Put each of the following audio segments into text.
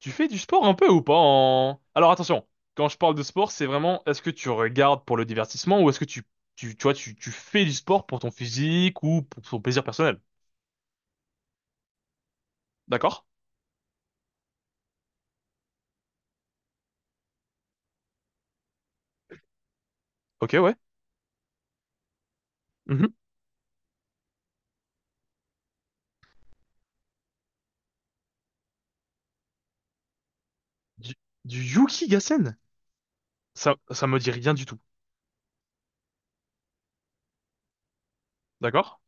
Tu fais du sport un peu ou pas en... Alors attention, quand je parle de sport, c'est vraiment est-ce que tu regardes pour le divertissement ou est-ce que tu vois, tu fais du sport pour ton physique ou pour ton plaisir personnel. D'accord? Ok, ouais. Mhm. Du, du Yuki. Ça me dit rien du tout. D'accord?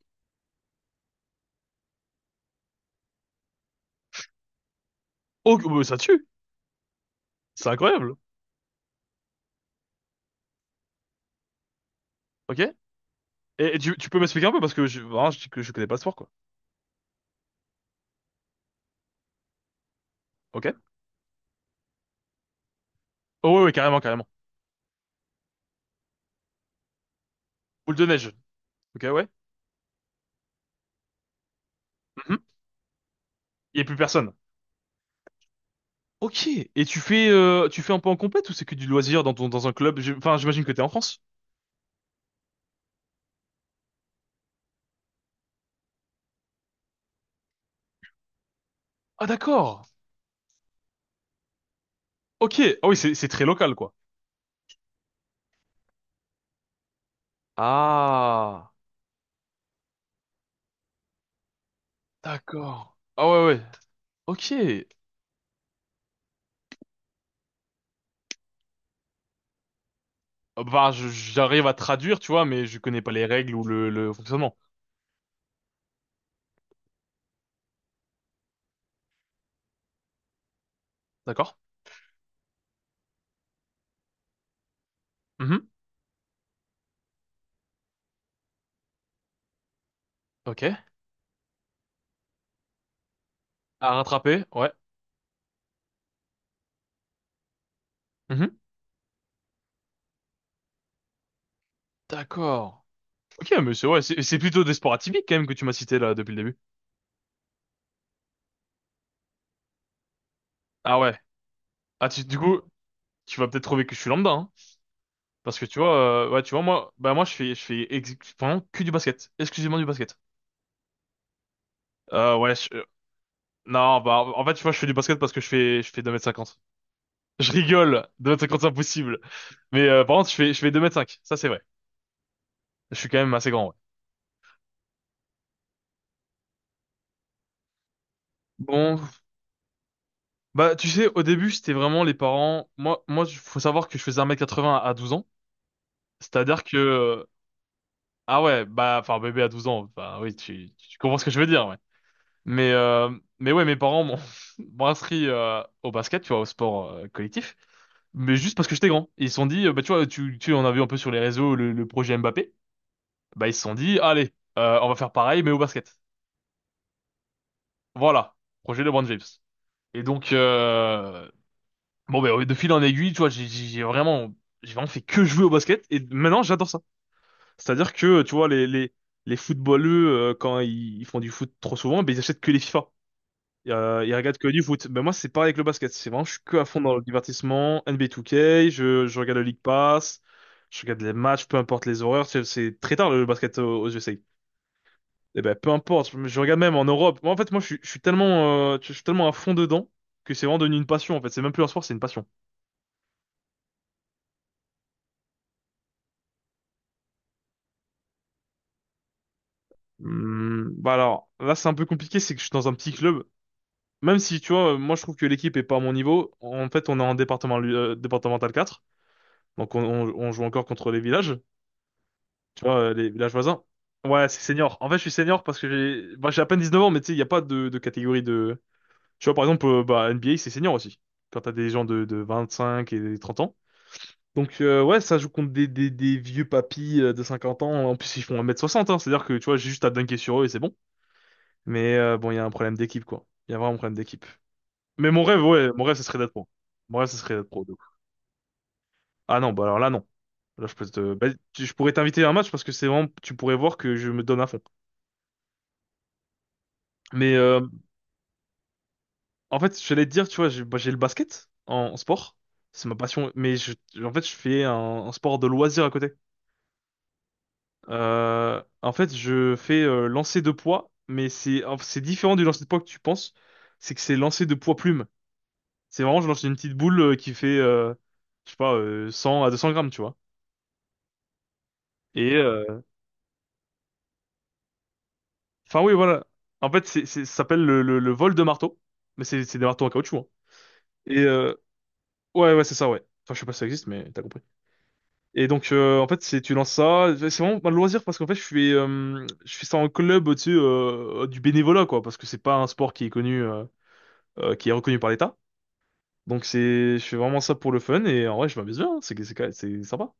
Oh, oh, bah, ça tue! C'est incroyable! Ok? Et tu peux m'expliquer un peu parce que je, vraiment, je, que je connais pas ce sport, quoi. Ok? Oh, ouais, ouais, carrément, carrément. Boule de neige. Ok, ouais. Mhm. Il y a plus personne. Ok. Et tu fais un peu en compète ou c'est que du loisir dans un club? Enfin, j'imagine que t'es en France. Ah, d'accord. Ok. Ah oui, c'est très local, quoi. Ah, d'accord. Ah ouais, ouais. Ok. Ah, bah, j'arrive à traduire, tu vois, mais je connais pas les règles ou le fonctionnement. D'accord. Mhm. Ok. À rattraper, ouais. Mhm. D'accord. Ok, mais c'est, ouais, c'est plutôt des sports atypiques quand même que tu m'as cité là depuis le début. Ah ouais. Ah, du coup, tu vas peut-être trouver que je suis lambda, hein. Parce que tu vois, ouais, tu vois, moi, bah moi, je fais vraiment que du basket, exclusivement du basket. Ouais, non, bah, en fait, tu vois, je fais du basket parce que je fais 2,50 m. Je rigole, 2,50 m c'est impossible. Mais par contre, je fais deux mètres cinq. Ça c'est vrai. Je suis quand même assez grand, ouais. Bon, bah, tu sais, au début, c'était vraiment les parents. Moi, il faut savoir que je faisais 1,80 m à 12 ans. C'est-à-dire que, ah ouais, bah, enfin, bébé à 12 ans, bah oui, tu comprends ce que je veux dire. Mais, euh, mais ouais, mes parents m'ont m'ont inscrit au basket, tu vois, au sport collectif, mais juste parce que j'étais grand. Ils se sont dit, bah, tu vois, tu en as vu un peu sur les réseaux le projet Mbappé. Bah, ils se sont dit, allez, on va faire pareil, mais au basket. Voilà, projet LeBron James. Et donc, bon, bah, de fil en aiguille, tu vois, j'ai vraiment fait que jouer au basket, et maintenant, j'adore ça. C'est-à-dire que, tu vois, les footballeux, quand ils font du foot trop souvent, bah, ils achètent que les FIFA. Il regarde que du foot. Ben moi, c'est pareil avec le basket. C'est vraiment, je suis que à fond dans le divertissement. NBA 2K, je regarde le League Pass, je regarde les matchs, peu importe les horaires. C'est très tard le basket aux USA. Et ben, peu importe, je regarde même en Europe. Moi, en fait, moi, je suis tellement à fond dedans que c'est vraiment devenu une passion. En fait, c'est même plus un sport, c'est une passion. Bah alors, là, c'est un peu compliqué, c'est que je suis dans un petit club. Même si, tu vois, moi, je trouve que l'équipe est pas à mon niveau. En fait, on est en départemental 4. Donc, on joue encore contre les villages. Tu vois, les villages voisins. Ouais, c'est senior. En fait, je suis senior parce que j'ai bah, j'ai à peine 19 ans, mais tu sais, il n'y a pas de catégorie de... Tu vois, par exemple, bah, NBA, c'est senior aussi. Quand t'as des gens de 25 et des 30 ans. Donc, ouais, ça joue contre des vieux papis de 50 ans. En plus, ils font 1,60 m, hein. C'est-à-dire que, tu vois, j'ai juste à dunker sur eux et c'est bon. Mais bon, il y a un problème d'équipe, quoi. Il y a vraiment un problème d'équipe. Mais mon rêve, ouais, mon rêve, ce serait d'être pro. Mon rêve, ce serait d'être pro. De ouf. Ah non, bah alors là, non. Là, bah, je pourrais t'inviter à un match parce que c'est vraiment, tu pourrais voir que je me donne à fond. Mais en fait, je j'allais te dire, tu vois, j'ai bah, j'ai le basket en sport. C'est ma passion. Mais en fait, je fais un sport de loisir à côté. En fait, je fais lancer de poids, mais c'est en fait, c'est différent du lancer de poids que tu penses. C'est que c'est lancer de poids plume. C'est vraiment, je lance une petite boule qui fait, je sais pas, 100 à 200 grammes, tu vois. Et euh, enfin, oui, voilà. En fait, ça s'appelle le vol de marteau. Mais c'est des marteaux en caoutchouc, hein. Et euh, ouais, ouais, c'est ça, ouais. Enfin, je sais pas si ça existe, mais t'as compris. Et donc, en fait, c'est tu lances ça. C'est vraiment un loisir parce qu'en fait, je fais ça en club, tu sais, du bénévolat, quoi, parce que c'est pas un sport qui est qui est reconnu par l'État. Donc, c'est, je fais vraiment ça pour le fun et en vrai, je m'amuse bien, hein. C'est sympa.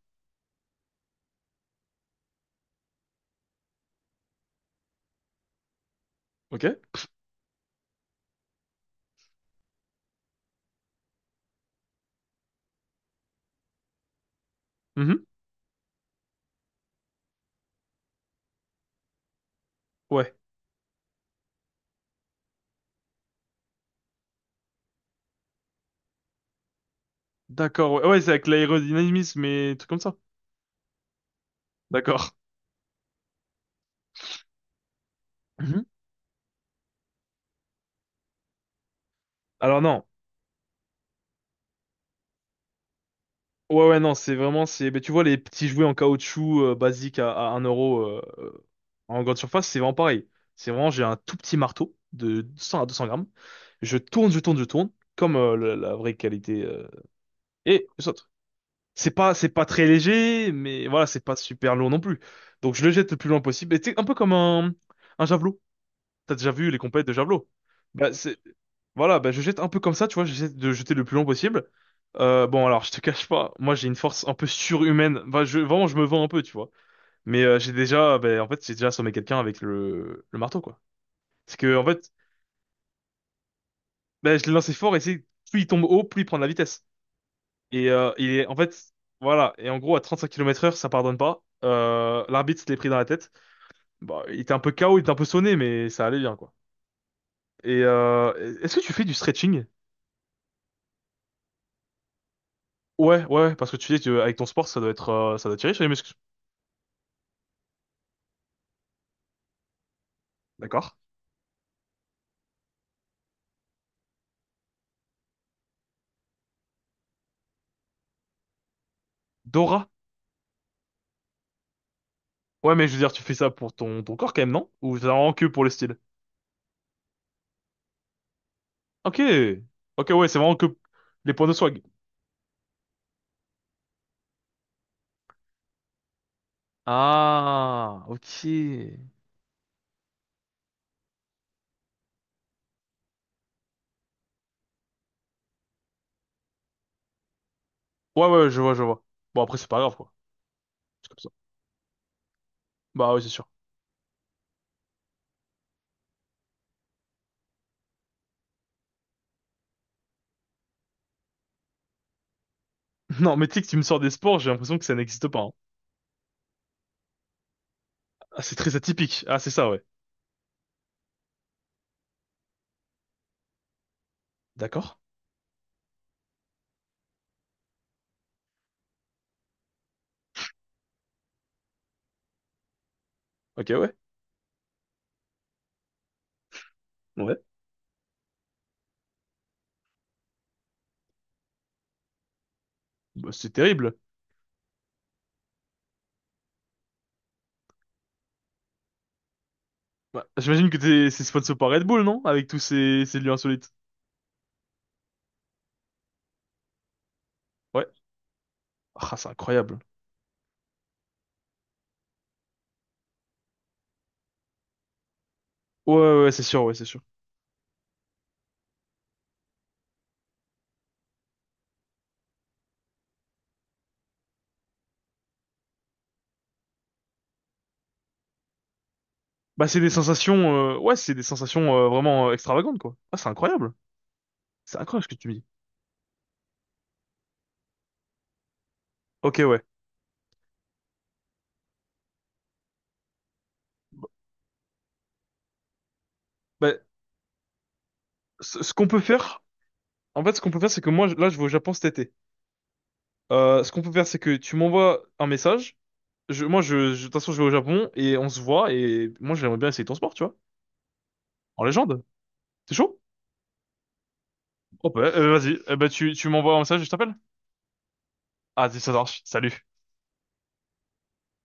Ok? Mhm. Ouais. D'accord. Ouais, ouais, c'est avec l'aérodynamisme et trucs comme ça. D'accord. Mhm. Alors non. Ouais, ouais, non, c'est vraiment, mais tu vois, les petits jouets en caoutchouc basiques à 1 € en grande surface, c'est vraiment pareil. C'est vraiment, j'ai un tout petit marteau de 100 à 200 grammes. Je tourne, je tourne, je tourne, comme la vraie qualité, et je saute. C'est pas très léger, mais voilà, c'est pas super lourd non plus. Donc je le jette le plus loin possible. Et c'est un peu comme un javelot. T'as déjà vu les compètes de javelot? Bah, c'est... Voilà, bah, je jette un peu comme ça, tu vois, j'essaie de jeter le plus long possible. Bon, alors, je te cache pas, moi j'ai une force un peu surhumaine. Bah, vraiment, je me vends un peu, tu vois. Mais bah, en fait, j'ai déjà assommé quelqu'un avec le marteau, quoi. C'est que, en fait, bah, je l'ai lancé fort et c'est plus il tombe haut, plus il prend de la vitesse. Il est, en fait, voilà. Et en gros, à 35 km/h, ça pardonne pas. L'arbitre se l'est pris dans la tête. Bah, il était un peu KO, il était un peu sonné, mais ça allait bien, quoi. Est-ce que tu fais du stretching? Ouais, ouais, ouais, parce que tu dis que avec ton sport, ça doit être, ça doit tirer sur les muscles. D'accord. Dora. Ouais, mais je veux dire, tu fais ça pour ton corps quand même, non? Ou c'est vraiment que pour le style? Ok. Ok, ouais, c'est vraiment que les points de swag. Ah, ok. Ouais, ouais, je vois, je vois. Bon, après, c'est pas grave, quoi. C'est comme ça. Bah oui, c'est sûr. Non, mais tu sais que tu me sors des sports, j'ai l'impression que ça n'existe pas, hein. Ah, c'est très atypique. Ah, c'est ça, ouais. D'accord. Ok, ouais. Ouais. Bah, c'est terrible. Bah, j'imagine que c'est sponsor par Red Bull, non? Avec tous ces lieux insolites. Ouais. Ah, c'est incroyable. Ouais, ouais, ouais, c'est sûr, ouais, c'est sûr. Bah, c'est des sensations, ouais, c'est des sensations vraiment extravagantes, quoi. Ah, c'est incroyable. C'est incroyable ce que tu me dis. Ok, ouais. Bah, ce qu'on peut faire, en fait, ce qu'on peut faire, c'est que moi, là, je vais au Japon cet été. Ce qu'on peut faire, c'est que tu m'envoies un message. Je, moi, je- de toute façon, je vais au Japon et on se voit. Et moi, j'aimerais bien essayer ton sport, tu vois. En légende. C'est chaud? Oh, bah, vas-y. Eh bah, tu m'envoies un message et je t'appelle. Ah, ça marche. Salut.